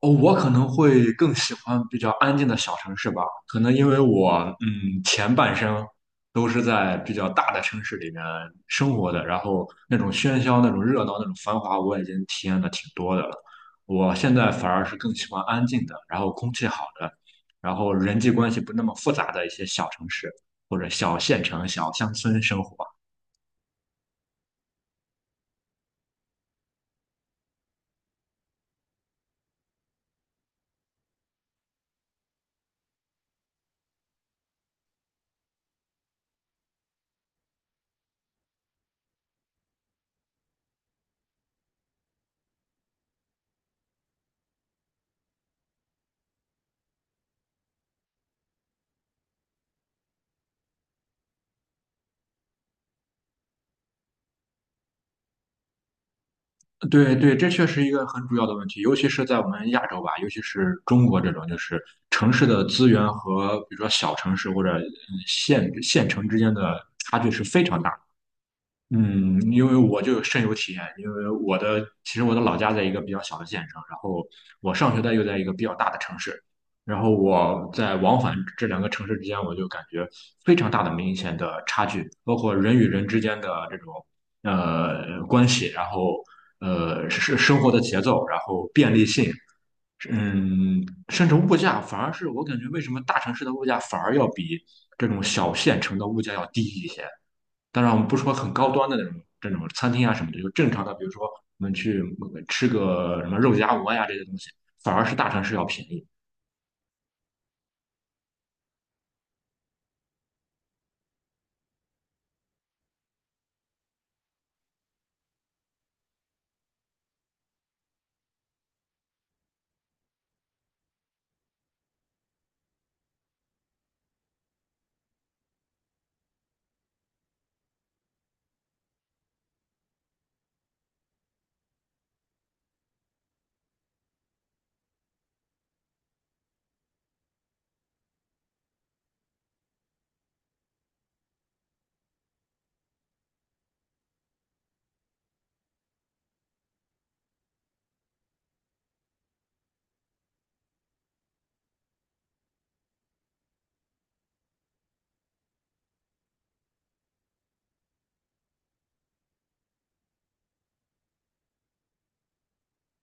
哦，我可能会更喜欢比较安静的小城市吧，可能因为我前半生都是在比较大的城市里面生活的，然后那种喧嚣、那种热闹、那种繁华，我已经体验的挺多的了。我现在反而是更喜欢安静的，然后空气好的，然后人际关系不那么复杂的一些小城市或者小县城、小乡村生活。对对，这确实一个很主要的问题，尤其是在我们亚洲吧，尤其是中国这种，就是城市的资源和比如说小城市或者县城之间的差距是非常大的。嗯，因为我就深有体验，因为其实我的老家在一个比较小的县城，然后我上学的又在一个比较大的城市，然后我在往返这两个城市之间，我就感觉非常大的明显的差距，包括人与人之间的这种关系，然后是生活的节奏，然后便利性，嗯，甚至物价，反而是我感觉为什么大城市的物价反而要比这种小县城的物价要低一些。当然，我们不说很高端的那种这种餐厅啊什么的，就正常的，比如说我们去吃个什么肉夹馍呀这些东西，反而是大城市要便宜。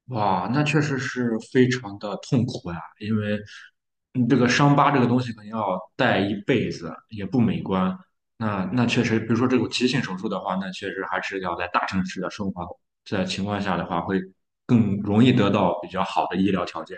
哇，那确实是非常的痛苦呀，因为这个伤疤这个东西可能要带一辈子，也不美观。那确实，比如说这种急性手术的话，那确实还是要在大城市的生活在情况下的话，会更容易得到比较好的医疗条件。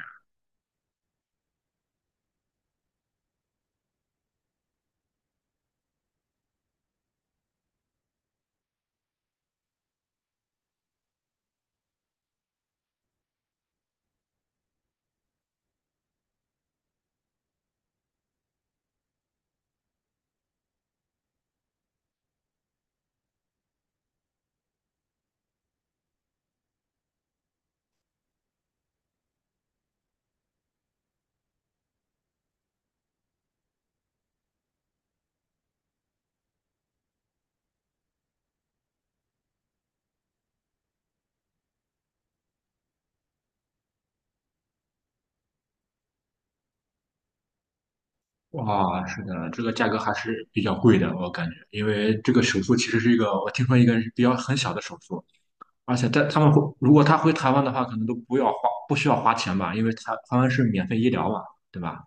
哇，是的，这个价格还是比较贵的，我感觉，因为这个手术其实是一个，我听说一个是比较很小的手术，而且在他们会，如果他回台湾的话，可能都不要花，不需要花钱吧，因为台湾是免费医疗嘛，对吧？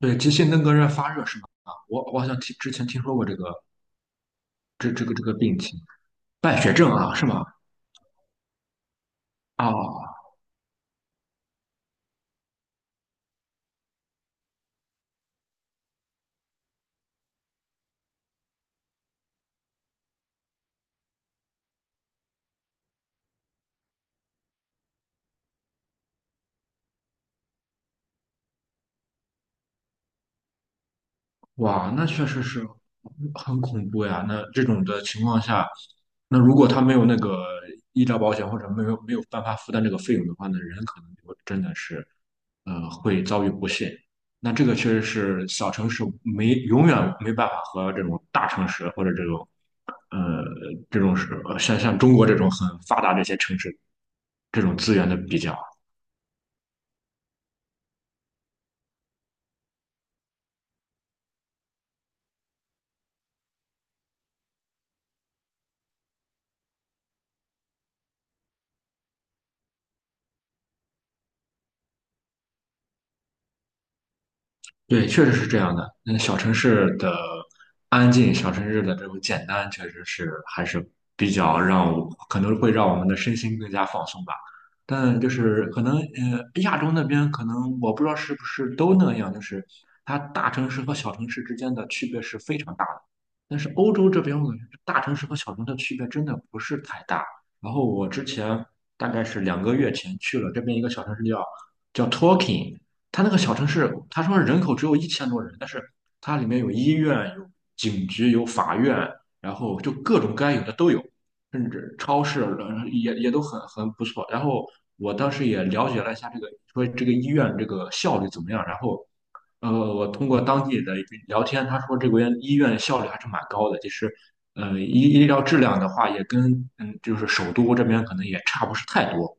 对，急性登革热发热是吗？啊，我好像听之前听说过这个病情，败血症啊，是吗？哦。哇，那确实是很恐怖呀。那这种的情况下，那如果他没有那个医疗保险，或者没有办法负担这个费用的话，那人可能就真的是，呃，会遭遇不幸。那这个确实是小城市没永远没办法和这种大城市或者这种，呃，这种是像中国这种很发达这些城市这种资源的比较。对，确实是这样的。嗯，小城市的安静，小城市的这种简单，确实是还是比较让我，可能会让我们的身心更加放松吧。但就是可能，呃，亚洲那边可能我不知道是不是都那样，就是它大城市和小城市之间的区别是非常大的。但是欧洲这边，我感觉大城市和小城市的区别真的不是太大。然后我之前大概是2个月前去了这边一个小城市叫 Torquay。它那个小城市，他说人口只有1000多人，但是它里面有医院、有警局、有法院，然后就各种该有的都有，甚至超市也都很不错。然后我当时也了解了一下这个，说这个医院这个效率怎么样。然后，呃，我通过当地的聊天，他说这边医院效率还是蛮高的，其实。医疗质量的话，也跟就是首都这边可能也差不是太多。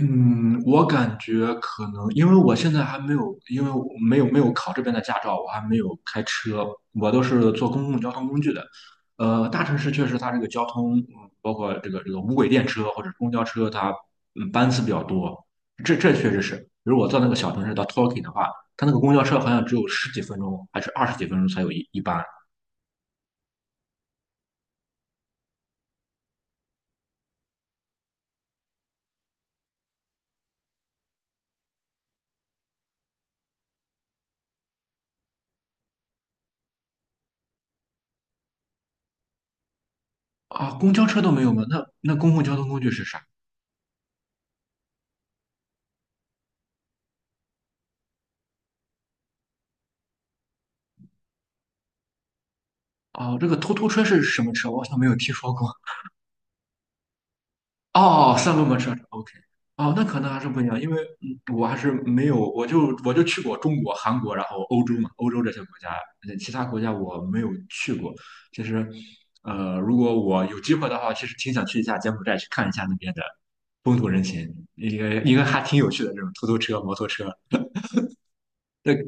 嗯，我感觉可能，因为我现在还没有，因为我没有考这边的驾照，我还没有开车，我都是坐公共交通工具的。大城市确实它这个交通，包括这个无轨电车或者公交车，它班次比较多，这确实是。比如我到那个小城市到 Torquay 的话，它那个公交车好像只有十几分钟还是二十几分钟才有一班啊，公交车都没有吗？那公共交通工具是啥？哦，这个突突车是什么车？我好像没有听说过。哦，三轮摩托车是 OK。哦，那可能还是不一样，因为我还是没有，我就去过中国、韩国，然后欧洲嘛，欧洲这些国家，其他国家我没有去过。其实，呃，如果我有机会的话，其实挺想去一下柬埔寨，去看一下那边的风土人情，一个还挺有趣的这种突突车、摩托车。对，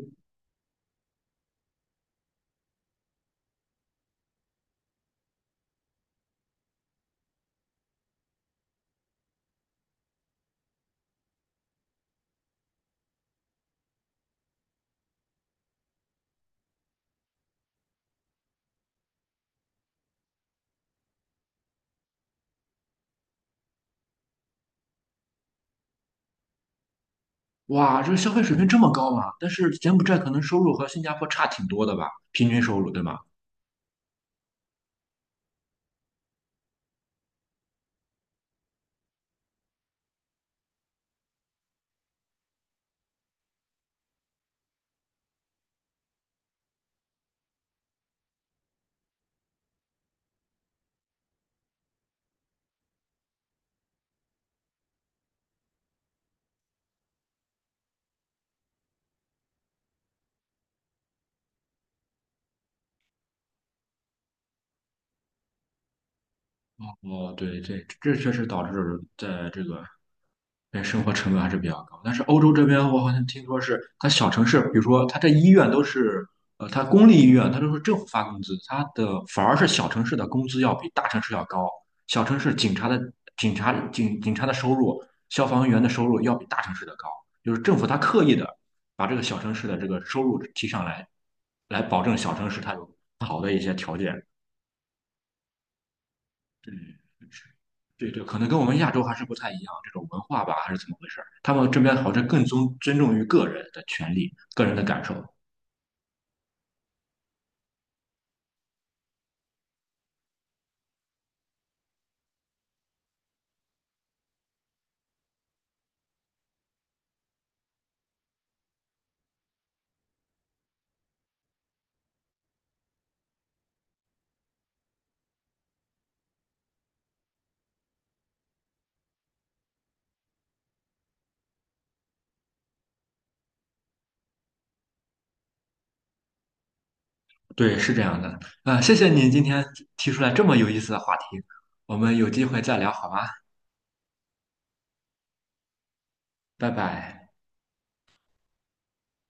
哇，这个消费水平这么高嘛？但是柬埔寨可能收入和新加坡差挺多的吧，平均收入对吗？哦，对对，这确实导致在这个对，生活成本还是比较高。但是欧洲这边，我好像听说是它小城市，比如说它这医院都是，呃，它公立医院它都是政府发工资，它的反而是小城市的工资要比大城市要高。小城市警察的收入，消防员的收入要比大城市的高，就是政府它刻意的把这个小城市的这个收入提上来，来保证小城市它有好的一些条件。对，是，对对，可能跟我们亚洲还是不太一样，这种文化吧，还是怎么回事儿？他们这边好像更尊重于个人的权利、个人的感受。对，是这样的。啊、谢谢你今天提出来这么有意思的话题，我们有机会再聊好吗？拜拜。